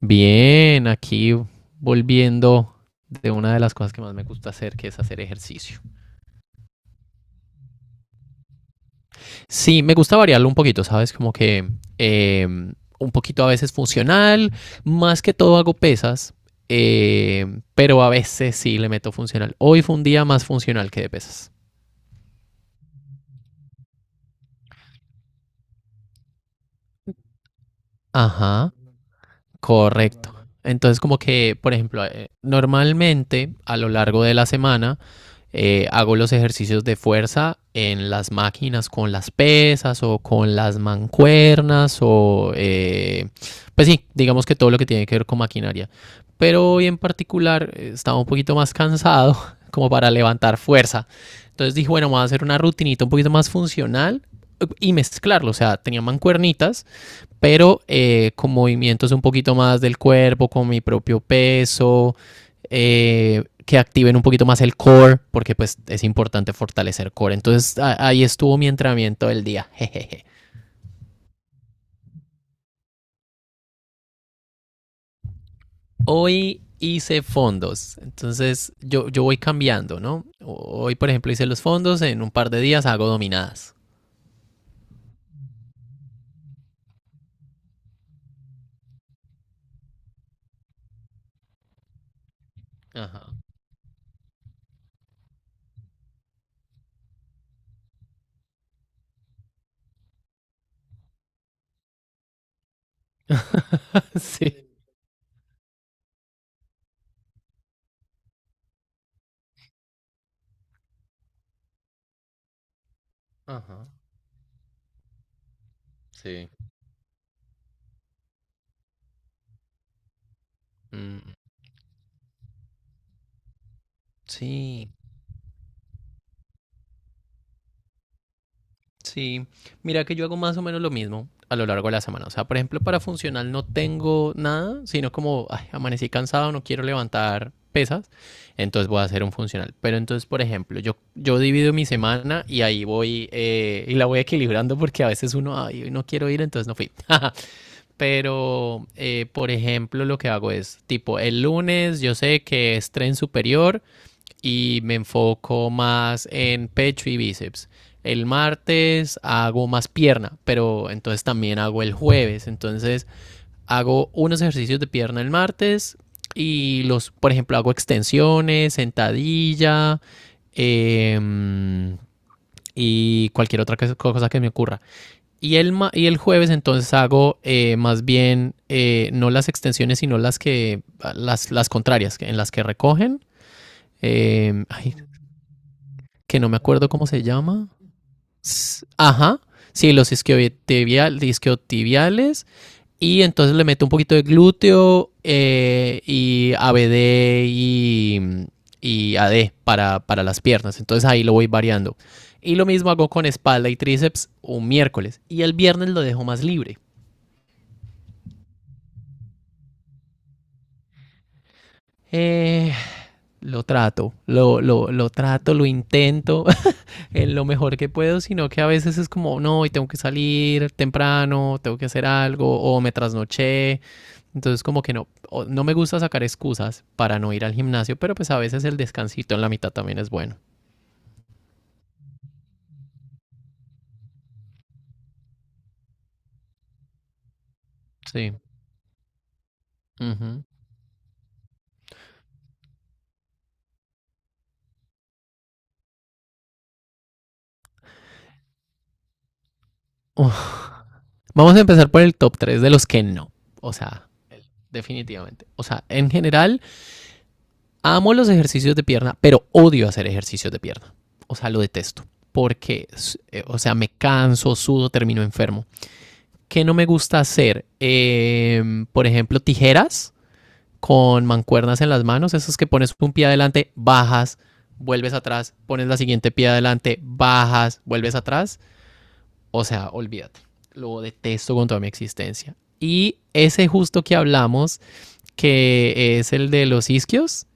Bien, aquí volviendo de una de las cosas que más me gusta hacer, que es hacer ejercicio. Sí, me gusta variarlo un poquito, ¿sabes? Como que un poquito a veces funcional, más que todo hago pesas, eh, pero a veces sí le meto funcional. Hoy fue un día más funcional que de pesas. Ajá, correcto. Entonces como que, por ejemplo, normalmente a lo largo de la semana, hago los ejercicios de fuerza en las máquinas con las pesas o con las mancuernas o pues sí, digamos que todo lo que tiene que ver con maquinaria. Pero hoy en particular estaba un poquito más cansado como para levantar fuerza. Entonces dije, bueno, vamos a hacer una rutinita un poquito más funcional y mezclarlo. O sea, tenía mancuernitas pero con movimientos un poquito más del cuerpo, con mi propio peso, que activen un poquito más el core, porque pues es importante fortalecer core. Entonces ahí estuvo mi entrenamiento del día. Jejeje. Hoy hice fondos, entonces yo voy cambiando, ¿no? Hoy, por ejemplo, hice los fondos, en un par de días hago dominadas. Ajá. Sí. Ajá. Sí. Mm, sí, sí, mira que yo hago más o menos lo mismo a lo largo de la semana. O sea, por ejemplo, para funcional no tengo nada, sino como ay, amanecí cansado, no quiero levantar pesas, entonces voy a hacer un funcional. Pero entonces, por ejemplo, yo divido mi semana y ahí voy y la voy equilibrando porque a veces uno, ay, hoy no quiero ir, entonces no fui. Pero, por ejemplo, lo que hago es, tipo, el lunes yo sé que es tren superior, y me enfoco más en pecho y bíceps. El martes hago más pierna, pero entonces también hago el jueves. Entonces hago unos ejercicios de pierna el martes y los, por ejemplo, hago extensiones, sentadilla, eh, y cualquier otra cosa que me ocurra. Y el jueves entonces hago más bien, no las extensiones, sino las que las contrarias, en las que recogen. Ay, que no me acuerdo cómo se llama. Ajá. Sí, los isquiotibiales. Y entonces le meto un poquito de glúteo, y ABD y AD para las piernas. Entonces ahí lo voy variando. Y lo mismo hago con espalda y tríceps un miércoles. Y el viernes lo dejo más libre. Eh, lo trato, lo intento en lo mejor que puedo, sino que a veces es como, no, hoy tengo que salir temprano, tengo que hacer algo, o me trasnoché. Entonces, como que no, no me gusta sacar excusas para no ir al gimnasio, pero pues a veces el descansito en la mitad también es bueno. Sí. Ujú. Uf. Vamos a empezar por el top 3 de los que no. O sea, definitivamente. O sea, en general, amo los ejercicios de pierna, pero odio hacer ejercicios de pierna. O sea, lo detesto. Porque, o sea, me canso, sudo, termino enfermo. Que no me gusta hacer? Por ejemplo, tijeras con mancuernas en las manos, esos que pones un pie adelante, bajas, vuelves atrás, pones la siguiente pie adelante, bajas, vuelves atrás. O sea, olvídate. Lo detesto con toda mi existencia. Y ese justo que hablamos, que es el de los isquios,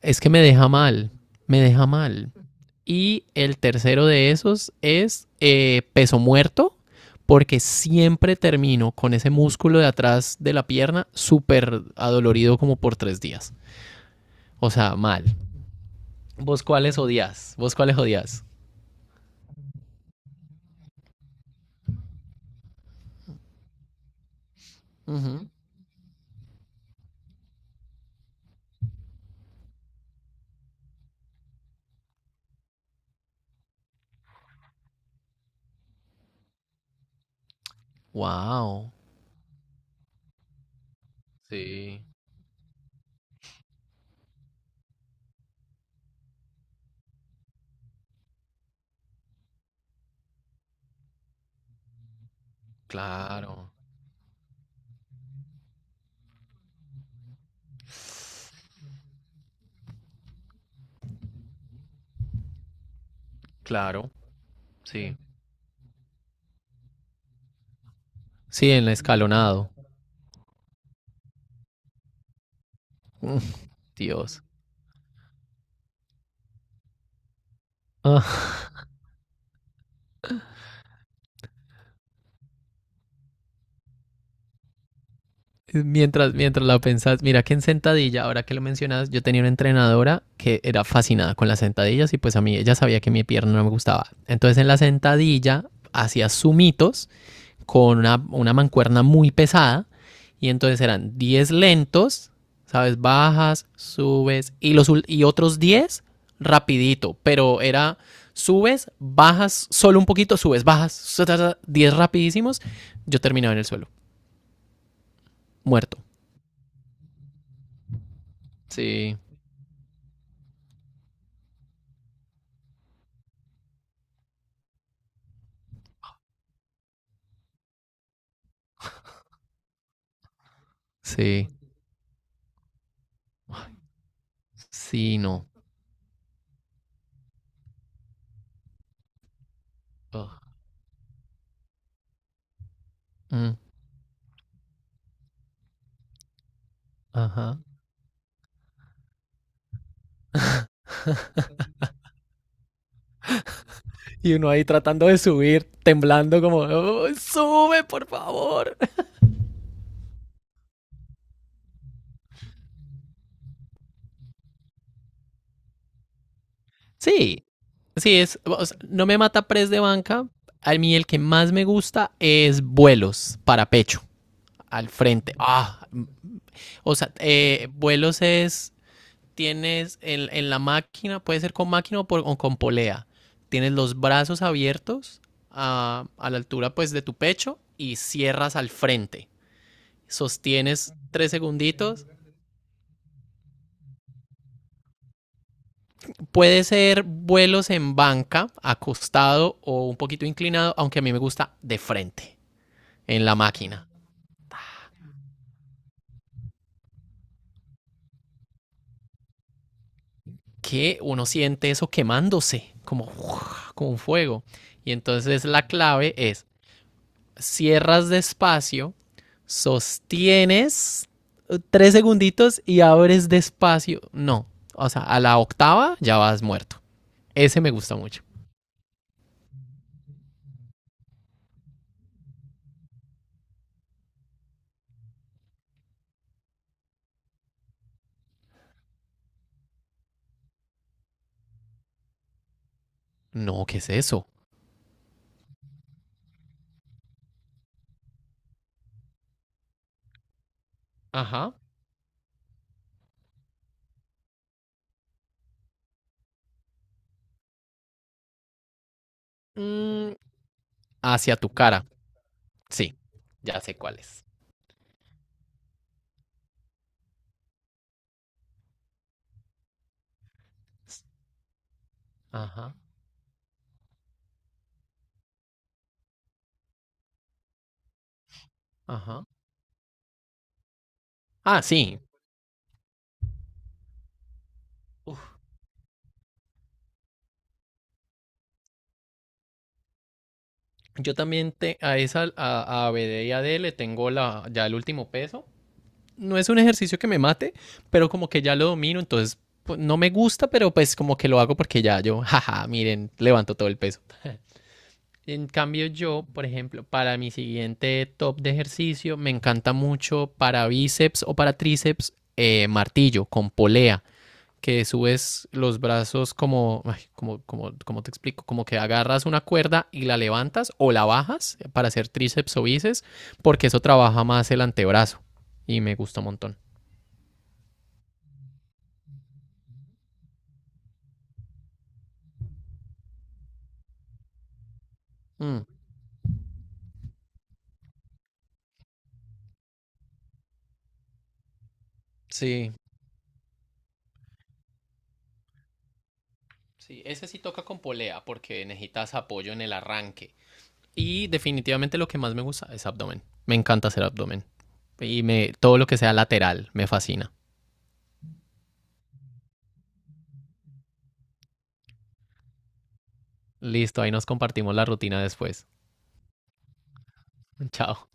es que me deja mal, me deja mal. Y el tercero de esos es peso muerto, porque siempre termino con ese músculo de atrás de la pierna súper adolorido como por 3 días. O sea, mal. ¿Vos cuáles odias? ¿Vos cuáles odias? Ujú. Wow. Sí, claro, claro, sí. Sí, en el escalonado. Mm, Dios. Mientras la pensás, mira que en sentadilla, ahora que lo mencionas, yo tenía una entrenadora que era fascinada con las sentadillas y pues a mí ella sabía que mi pierna no me gustaba. Entonces en la sentadilla hacía sumitos con una mancuerna muy pesada y entonces eran 10 lentos, ¿sabes? Bajas, subes y, los, y otros 10 rapidito, pero era subes, bajas solo un poquito, subes, bajas, 10 rapidísimos, yo terminaba en el suelo, muerto. Sí, sí, sí, no. Ugh. Mm, ajá. Y uno ahí tratando de subir, temblando como, "Oh, sube, por favor." Sí, sí, es, o sea, no me mata press de banca. A mí el que más me gusta es vuelos para pecho, al frente. Ah, mm, o sea, vuelos es, tienes en, la máquina, puede ser con máquina o, o con polea. Tienes los brazos abiertos a la altura pues de tu pecho y cierras al frente. Sostienes 3 segunditos. Puede ser vuelos en banca, acostado o un poquito inclinado, aunque a mí me gusta de frente, en la máquina. Que uno siente eso quemándose, como, uff, como un fuego. Y entonces la clave es, cierras despacio, sostienes 3 segunditos y abres despacio. No, o sea, a la octava ya vas muerto. Ese me gusta mucho. No, ¿qué es eso? Ajá. Mm, hacia tu cara. Sí, ya sé cuál es. Ajá, ajá. Ah, sí. Yo también te, a esa, a BD y AD le tengo la, ya el último peso. No es un ejercicio que me mate, pero como que ya lo domino, entonces pues, no me gusta, pero pues como que lo hago porque ya yo, jaja, miren, levanto todo el peso. En cambio, yo, por ejemplo, para mi siguiente top de ejercicio, me encanta mucho para bíceps o para tríceps, martillo con polea, que subes los brazos como, ay, como, te explico, como que agarras una cuerda y la levantas o la bajas para hacer tríceps o bíceps, porque eso trabaja más el antebrazo y me gusta un montón. Mm, sí, sí, ese sí toca con polea porque necesitas apoyo en el arranque. Y definitivamente lo que más me gusta es abdomen. Me encanta hacer abdomen. Y me, todo lo que sea lateral me fascina. Listo, ahí nos compartimos la rutina después. Chao.